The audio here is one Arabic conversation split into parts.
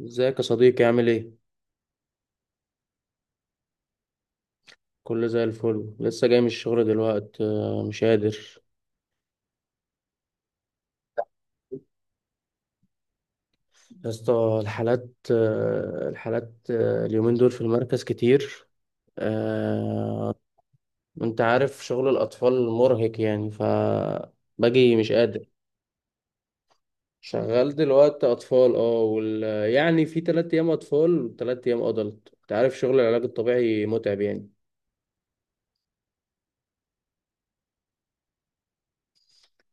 ازيك يا صديقي؟ عامل ايه؟ كله زي الفل، لسه جاي من الشغل دلوقتي، مش قادر. يا اسطى الحالات، الحالات، اليومين دول في المركز كتير. آه، انت عارف شغل الأطفال مرهق، يعني ف باجي مش قادر. شغال دلوقتي أطفال اه يعني في تلات أيام أطفال وتلات أيام أدلت. انت عارف شغل العلاج الطبيعي متعب يعني.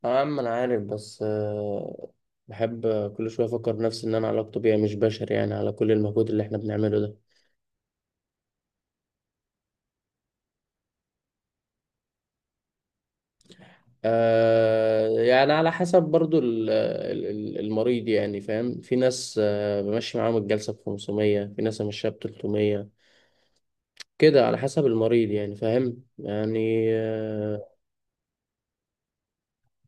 اه يا عم انا عارف، بس بحب. كل شويه افكر نفسي ان انا علاج طبيعي مش بشري يعني، على كل المجهود اللي احنا بنعمله ده. آه، يعني على حسب برضو المريض. يعني فاهم، في ناس آه بمشي معاهم الجلسه ب 500، في ناس امشيها ب 300. كده على حسب المريض يعني. فاهم؟ يعني آه.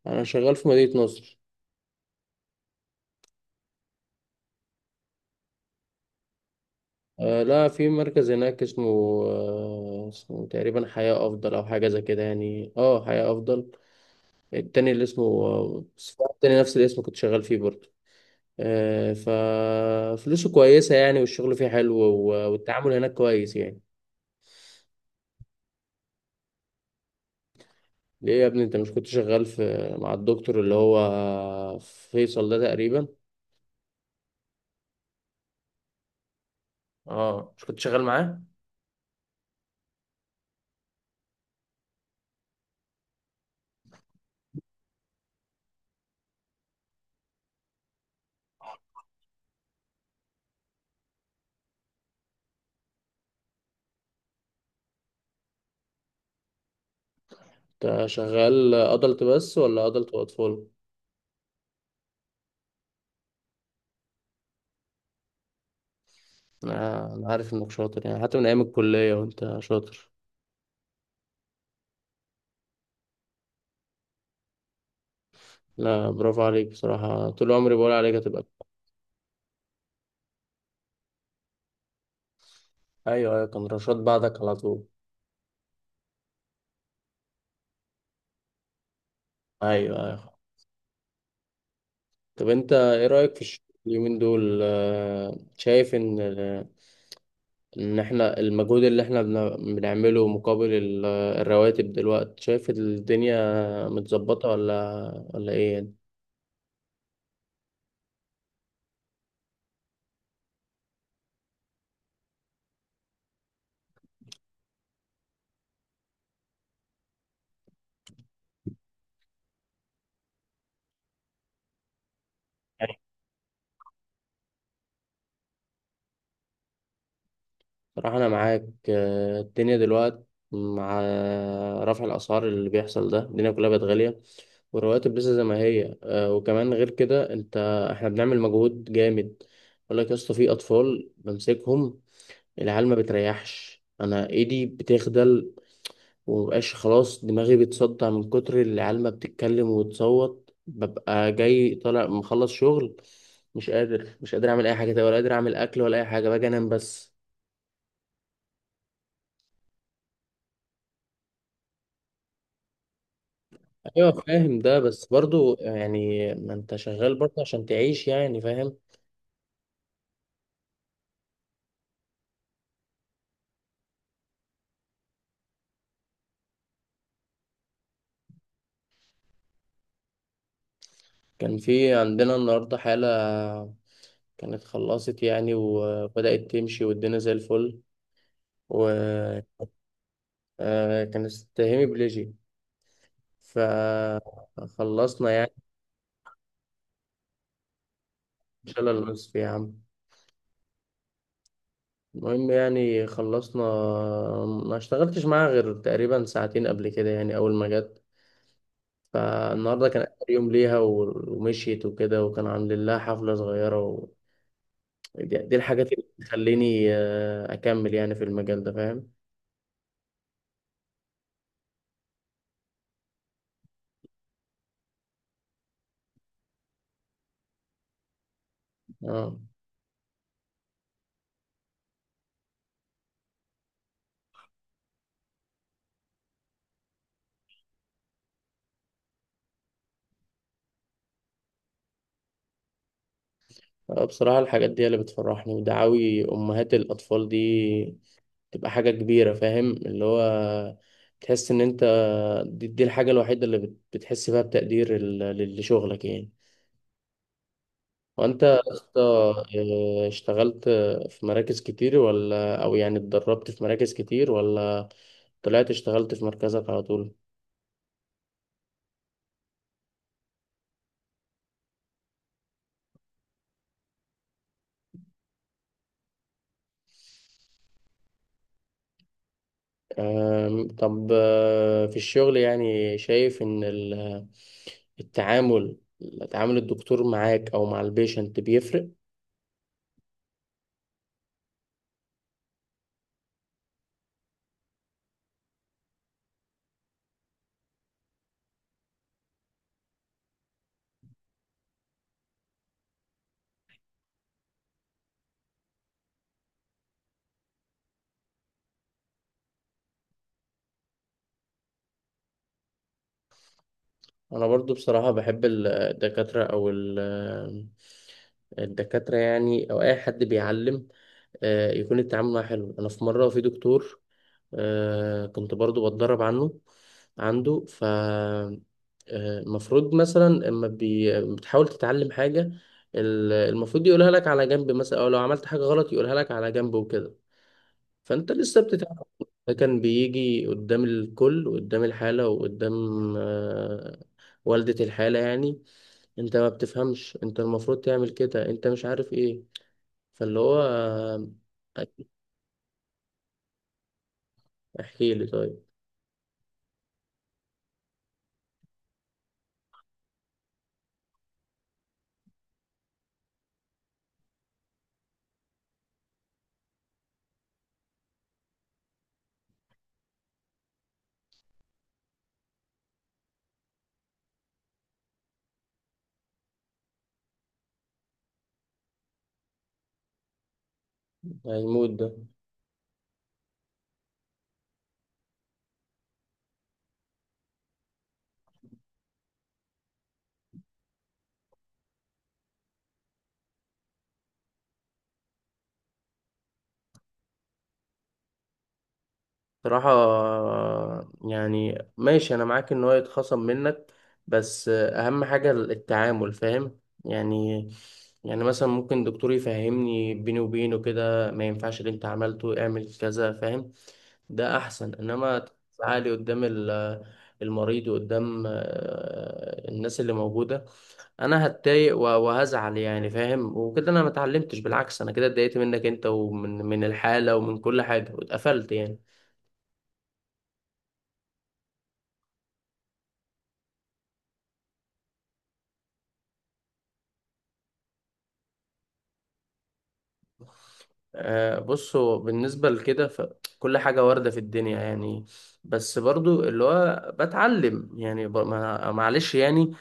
انا شغال في مدينه نصر. آه لا، في مركز هناك اسمه، آه اسمه تقريبا حياه افضل او حاجه زي كده، يعني اه حياه افضل. التاني اللي اسمه، التاني نفس الاسم كنت شغال فيه برضه. آه، ففلوسه كويسة يعني، والشغل فيه حلو والتعامل هناك كويس يعني. ليه يا ابني؟ انت مش كنت شغال في، مع الدكتور اللي هو فيصل ده تقريبا؟ اه مش كنت شغال معاه؟ انت شغال ادلت بس ولا ادلت واطفال؟ أنا عارف انك شاطر، يعني حتى من ايام الكلية وانت شاطر. لا برافو عليك بصراحة، طول عمري بقول عليك هتبقى. ايوه ايوه، كان رشاد بعدك على طول. ايوه، أيوة. طب انت ايه رأيك في الشغل اليومين دول؟ شايف ان، ان احنا المجهود اللي احنا بنعمله مقابل الرواتب دلوقتي، شايف الدنيا متظبطة ولا ايه يعني؟ يعني صراحة انا معاك، الدنيا دلوقتي مع رفع الاسعار اللي بيحصل ده، الدنيا كلها بقت غالية والرواتب لسه زي ما هي. وكمان غير كده، انت، احنا بنعمل مجهود جامد. يقول لك يا اسطى في اطفال بمسكهم، العيال ما بتريحش، انا ايدي بتخدل ومبقاش خلاص، دماغي بتصدع من كتر العيال ما بتتكلم وتصوت. ببقى جاي طالع مخلص شغل مش قادر، مش قادر اعمل اي حاجه تانية، ولا قادر اعمل اكل ولا اي حاجه، باجي انام بس. ايوه فاهم ده، بس برضو يعني ما انت شغال برضو عشان تعيش يعني، فاهم. كان في عندنا النهارده حاله كانت خلصت يعني وبدأت تمشي والدنيا زي الفل، وكانت هيمي بليجي، فخلصنا يعني. ان شاء الله الوصف يا عم. المهم يعني خلصنا. ما اشتغلتش معاها غير تقريبا ساعتين قبل كده يعني، اول ما جت. فالنهارده كان اخر يوم ليها ومشيت وكده، وكان عاملين لها حفله صغيره دي الحاجات اللي بتخليني اكمل يعني في المجال ده، فاهم. اه بصراحه، الحاجات دي هي اللي بتفرحني، ودعاوي امهات الاطفال دي تبقى حاجة كبيرة، فاهم اللي هو تحس ان انت، دي الحاجة الوحيدة اللي بتحس فيها بتقدير لشغلك يعني. وانت يا اسطى، اشتغلت في مراكز كتير ولا، او يعني اتدربت في مراكز كتير ولا طلعت اشتغلت في مركزك على طول؟ آم، طب في الشغل يعني، شايف ان التعامل، تعامل الدكتور معاك او مع البيشنت بيفرق؟ انا برضو بصراحة بحب الدكاترة او الدكاترة يعني، او اي حد بيعلم، يكون التعامل معاه حلو. انا في مرة في دكتور كنت برضو بتدرب عنه، عنده ف المفروض مثلا لما بتحاول تتعلم حاجة، المفروض يقولها لك على جنب مثلا، او لو عملت حاجة غلط يقولها لك على جنب وكده، فانت لسه بتتعلم. ده كان بيجي قدام الكل وقدام الحالة وقدام آه، والدة الحالة يعني، انت ما بتفهمش، انت المفروض تعمل كده، انت مش عارف ايه. فاللي هو آه. احكي لي طيب. هيموت ده. صراحة يعني ماشي انا معاك ان هو يتخصم منك، بس اهم حاجة التعامل، فاهم يعني. يعني مثلا ممكن دكتور يفهمني بيني وبينه كده، ما ينفعش اللي انت عملته، اعمل كذا، فاهم، ده احسن. انما تعالي قدام المريض وقدام الناس اللي موجوده، انا هتضايق وهزعل يعني، فاهم، وكده انا ما اتعلمتش. بالعكس انا كده اتضايقت منك انت، ومن الحاله ومن كل حاجه، واتقفلت يعني. بصوا، بالنسبه لكده فكل حاجه وارده في الدنيا يعني، بس برضو اللي هو بتعلم يعني معلش يعني.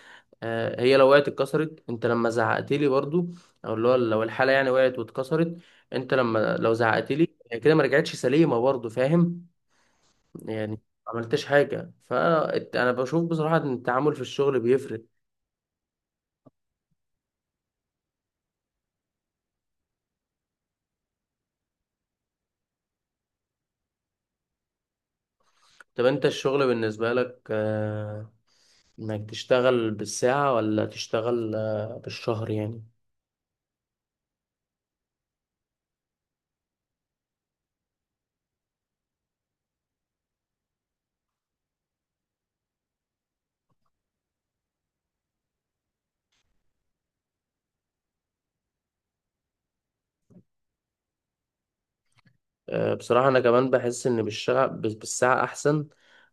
هي لو وقعت اتكسرت، انت لما زعقت لي برضو، او اللي هو لو الحاله يعني وقعت واتكسرت، انت لما لو زعقت لي، هي كده ما رجعتش سليمه برضو، فاهم يعني. ما عملتش حاجه. فانا بشوف بصراحه ان التعامل في الشغل بيفرق. طب انت الشغل بالنسبه لك انك تشتغل بالساعه ولا تشتغل بالشهر يعني؟ بصراحة أنا كمان بحس إن بالساعة أحسن،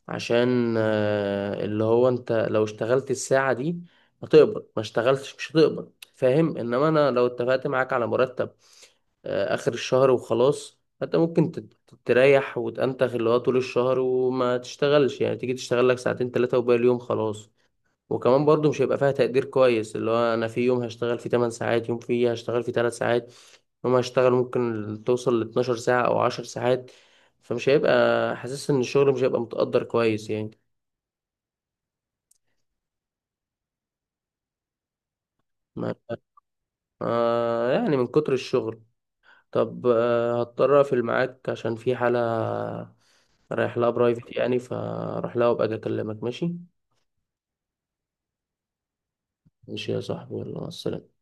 عشان اللي هو أنت لو اشتغلت الساعة دي هتقبض، ما اشتغلتش مش هتقبض، فاهم. إنما أنا لو اتفقت معاك على مرتب آخر الشهر وخلاص، فأنت ممكن تريح وتأنتخ، اللي هو طول الشهر وما تشتغلش يعني، تيجي تشتغل لك ساعتين تلاتة وباقي اليوم خلاص. وكمان برضو مش هيبقى فيها تقدير كويس، اللي هو انا في يوم هشتغل فيه 8 ساعات، يوم فيه هشتغل فيه 3 ساعات، يوم هشتغل ممكن توصل ل 12 ساعة او 10 ساعات. فمش هيبقى، حاسس ان الشغل مش هيبقى متقدر كويس يعني. ما يعني من كتر الشغل. طب آه هضطر اقفل معاك، عشان في حالة رايح لها برايفت يعني، فاروح لها وابقى اجي اكلمك، ماشي؟ ماشي يا صاحبي، يلا مع السلامة.